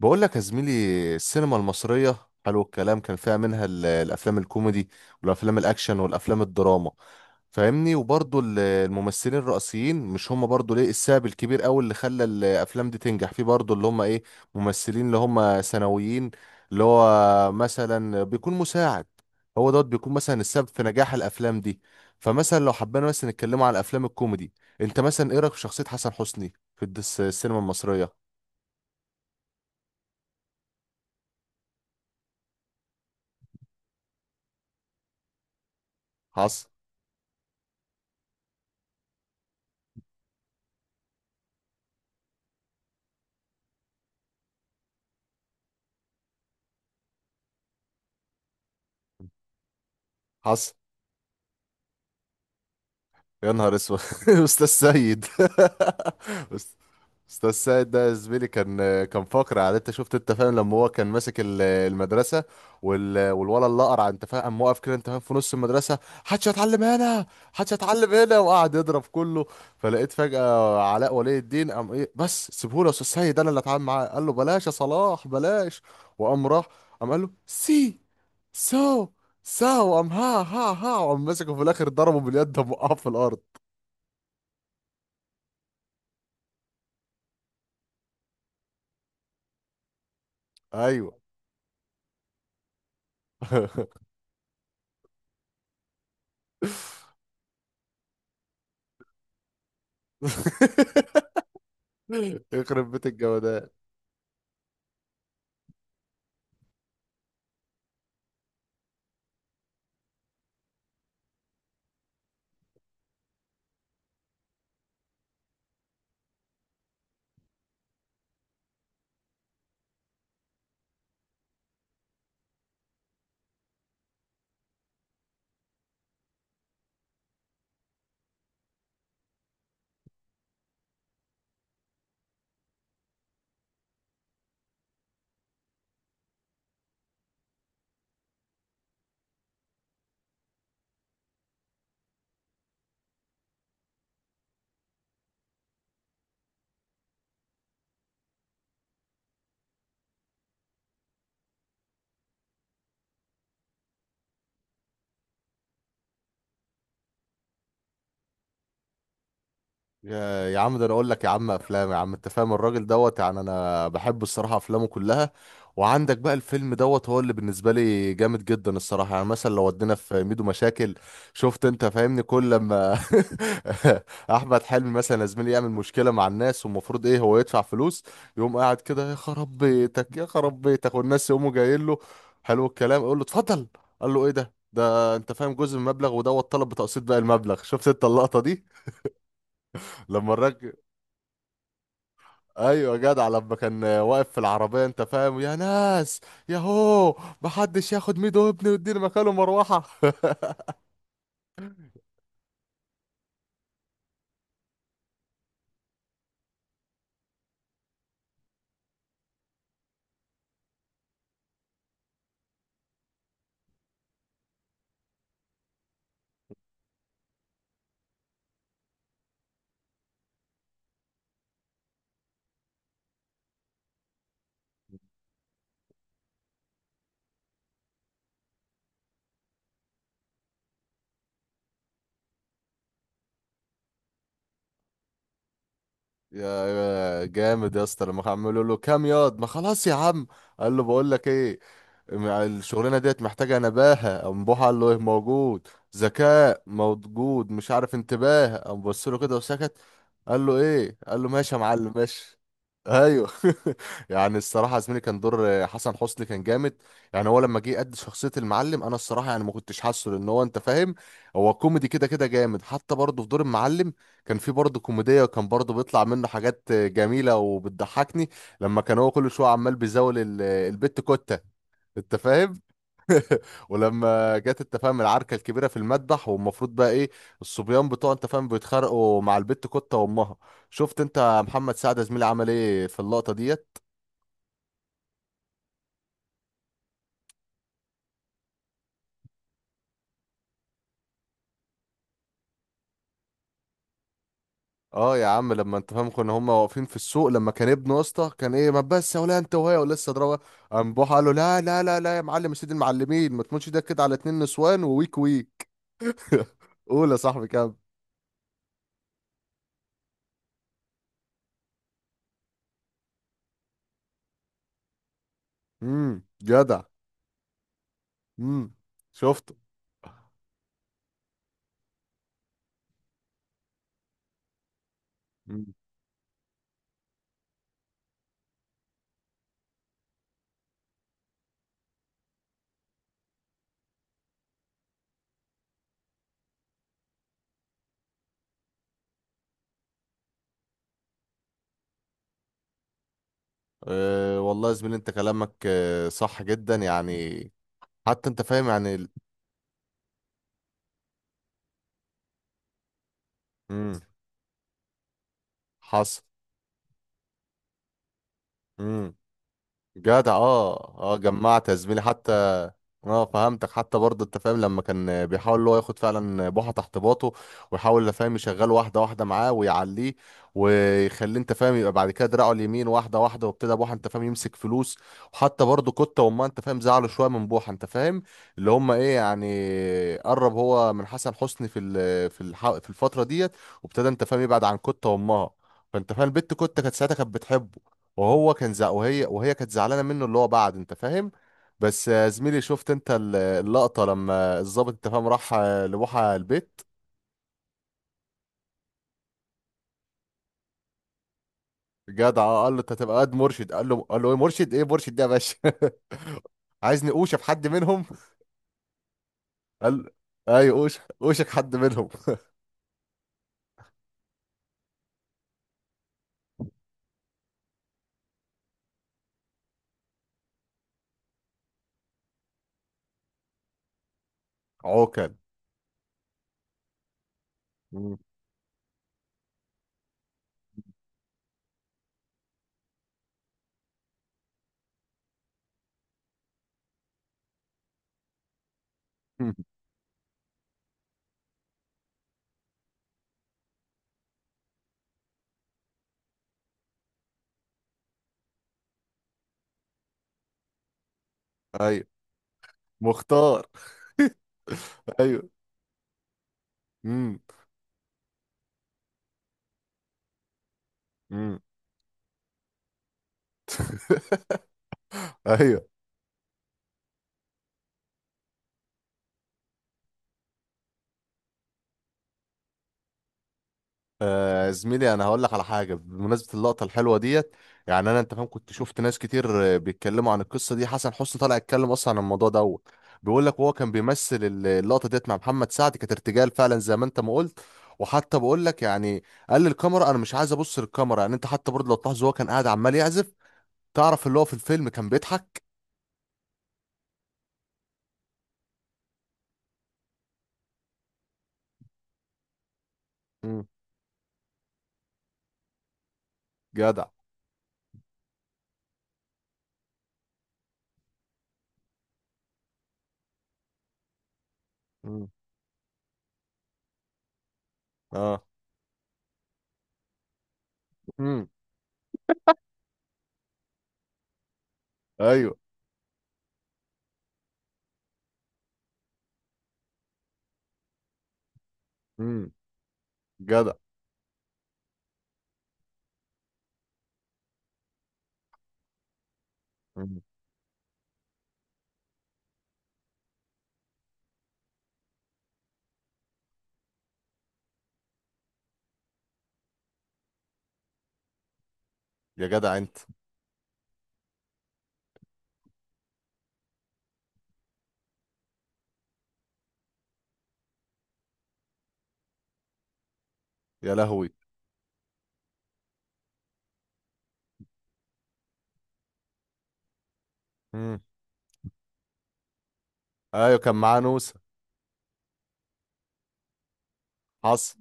بقول لك يا زميلي، السينما المصرية حلو الكلام، كان فيها منها الأفلام الكوميدي والأفلام الأكشن والأفلام الدراما، فاهمني؟ وبرضه الممثلين الرئيسيين مش هم برضه ليه السبب الكبير أوي اللي خلى الأفلام دي تنجح، في برضه اللي هم إيه؟ ممثلين اللي هم ثانويين، اللي هو مثلا بيكون مساعد، هو دوت بيكون مثلا السبب في نجاح الأفلام دي. فمثلا لو حبينا مثلا نتكلموا على الأفلام الكوميدي، أنت مثلا إيه رأيك في شخصية حسن حسني في السينما المصرية؟ حصل. حصل. يا نهار اسود! استاذ سيد. أست- استاذ سيد ده يا زميلي كان فقر، على، انت شفت، انت فاهم لما هو كان ماسك المدرسه، والولد اللي قرع، انت فاهم، قام واقف كده، انت فاهم، في نص المدرسه، حدش هيتعلم هنا، حدش هيتعلم هنا، وقعد يضرب كله. فلقيت فجاه علاء ولي الدين قام ايه، بس سيبهولي يا استاذ سيد، انا اللي اتعامل معاه. قال له: بلاش يا صلاح بلاش. وقام راح، قام قال له: سي سو ساعة، وقام ها ها ها، وقام مسكه في الآخر ضربه باليد، قام وقعه في الأرض. أيوه. يخرب بيت الجمدان! يا يا عم، ده انا اقول لك يا عم افلام، يا عم انت فاهم، الراجل دوت يعني انا بحب الصراحه افلامه كلها. وعندك بقى الفيلم دوت هو اللي بالنسبه لي جامد جدا الصراحه، يعني مثلا لو ودينا في ميدو مشاكل، شفت انت فاهمني، كل لما احمد حلمي مثلا يا زميلي يعمل مشكله مع الناس، والمفروض ايه، هو يدفع فلوس، يقوم قاعد كده: يا خراب بيتك، يا خراب بيتك! والناس يقوموا جايين له حلو الكلام، يقول له اتفضل، قال له: ايه ده انت فاهم، جزء من المبلغ، ودوت طلب بتقسيط باقي المبلغ. شفت انت اللقطه دي لما الراجل، ايوه جدع، لما كان واقف في العربيه، انت فاهم: يا ناس، يا هو، محدش ياخد ميدو ابني ويديني مكانه مروحه. يا جامد يا اسطى، لما عملوا له كام ياض، ما خلاص يا عم، قال له: بقول لك ايه، مع الشغلانه ديت محتاجه نباهه. قام بوح قال له: ايه، موجود، ذكاء موجود، مش عارف، انتباه. قام بص له كده وسكت. قال له ايه؟ قال له: ماشي يا معلم ماشي. ايوه. يعني الصراحه يا زميلي كان دور حسن حسني كان جامد. يعني هو لما جه قد شخصيه المعلم، انا الصراحه يعني ما كنتش حاسه، لان هو انت فاهم، هو كوميدي كده كده جامد حتى برضه في دور المعلم. كان في برضه كوميديا، وكان برضه بيطلع منه حاجات جميلة وبتضحكني، لما كان هو كل شوية عمال بيزاول البت كوتة، انت فاهم. ولما جت انت فاهم العركة الكبيرة في المذبح، والمفروض بقى ايه، الصبيان بتوع انت فاهم بيتخانقوا مع البت كوتة وامها، شفت انت محمد سعد زميلي عمل ايه في اللقطة ديت؟ اه يا عم، لما انت فاهم كنا هما واقفين في السوق، لما كان ابنه يا اسطى كان ايه، ما بس يا ولا انت وهي، ولسه ضربه، قام بوحه قال له: لا لا لا لا يا معلم سيد المعلمين، ما تموتش ده كده على اتنين نسوان وويك ويك. قول يا صاحبي كام. امم، جدع. امم، شفته. مم. أه والله يا زميلي، انت كلامك أه صح جدا، يعني حتى انت فاهم يعني. امم، حصل. مم. جدع. اه اه، جمعت يا زميلي حتى، اه فهمتك. حتى برضه انت فاهم، لما كان بيحاول اللي هو ياخد فعلا بوحه تحت باطه، ويحاول انت فاهم يشغله واحده واحده معاه ويعليه، ويخليه انت فاهم يبقى بعد كده دراعه اليمين واحده واحده، وابتدى بوحه انت فاهم يمسك فلوس. وحتى برضه كوتا وما، انت فاهم، زعلوا شويه من بوحه، انت فاهم، اللي هم ايه يعني، قرب هو من حسن حسني في ال- في الح- في الفتره ديت، وابتدى انت فاهم يبعد عن كوتا وامها، فانت فاهم البت كوتا كانت ساعتها كانت بتحبه، وهي كانت زعلانه منه، اللي هو بعد انت فاهم. بس زميلي، شفت انت اللقطه لما الضابط انت فاهم راح لبوحه البيت، جدع. قال له: انت هتبقى قد مرشد. قال له ايه مرشد، ايه مرشد ده يا باشا؟ عايزني اوشك حد منهم؟ قال ايوه، اوشك اوشك حد منهم. عوكل. مم. ايوه، مختار. ايوه. امم، امم، ايوه. آه زميلي، انا هقول لك على حاجه بمناسبه اللقطه الحلوه ديت. يعني انا انت فاهم كنت شفت ناس كتير بيتكلموا عن القصه دي، حسن حسني طلع يتكلم اصلا عن الموضوع دوت، بيقول لك وهو كان بيمثل اللقطه ديت مع محمد سعد كانت ارتجال فعلا زي ما انت ما قلت. وحتى بقول لك يعني، قال للكاميرا انا مش عايز ابص للكاميرا، يعني انت حتى برضه لو تلاحظ هو كان قاعد عمال يعزف، تعرف اللي هو في الفيلم كان بيضحك. مم. جدع. مم. اه. مم. ايوه. مم. جدع. مم. يا جدع انت! يا لهوي! مم. ايوه، كان معاه نوسة. حصل.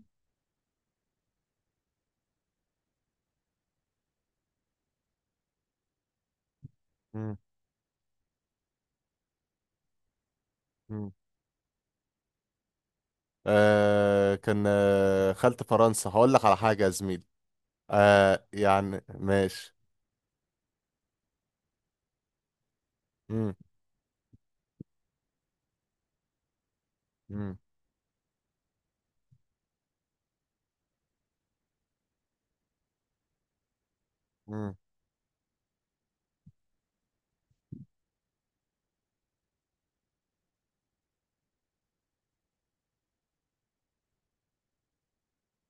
مم. مم. آه كان خلت فرنسا، هقول لك على حاجة يا زميلي. آه يعني ماشي. مم. مم. مم.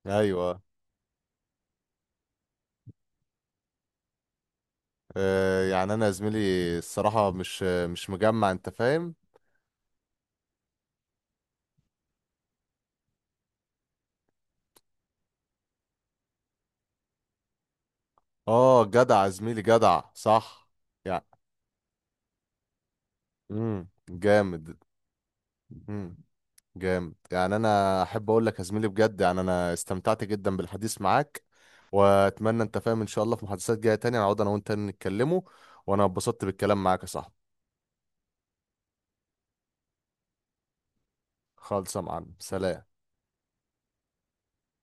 ايوه. آه يعني انا يا زميلي الصراحة مش مجمع انت فاهم. اه جدع يا زميلي، جدع صح يعني. مم. جامد. مم. جامد يعني، انا احب اقول لك يا زميلي بجد، يعني انا استمتعت جدا بالحديث معاك. واتمنى انت فاهم ان شاء الله في محادثات جايه تانية نقعد انا وانت نتكلموا، وانا اتبسطت بالكلام معاك يا صاحبي. خالص يا معلم، سلام.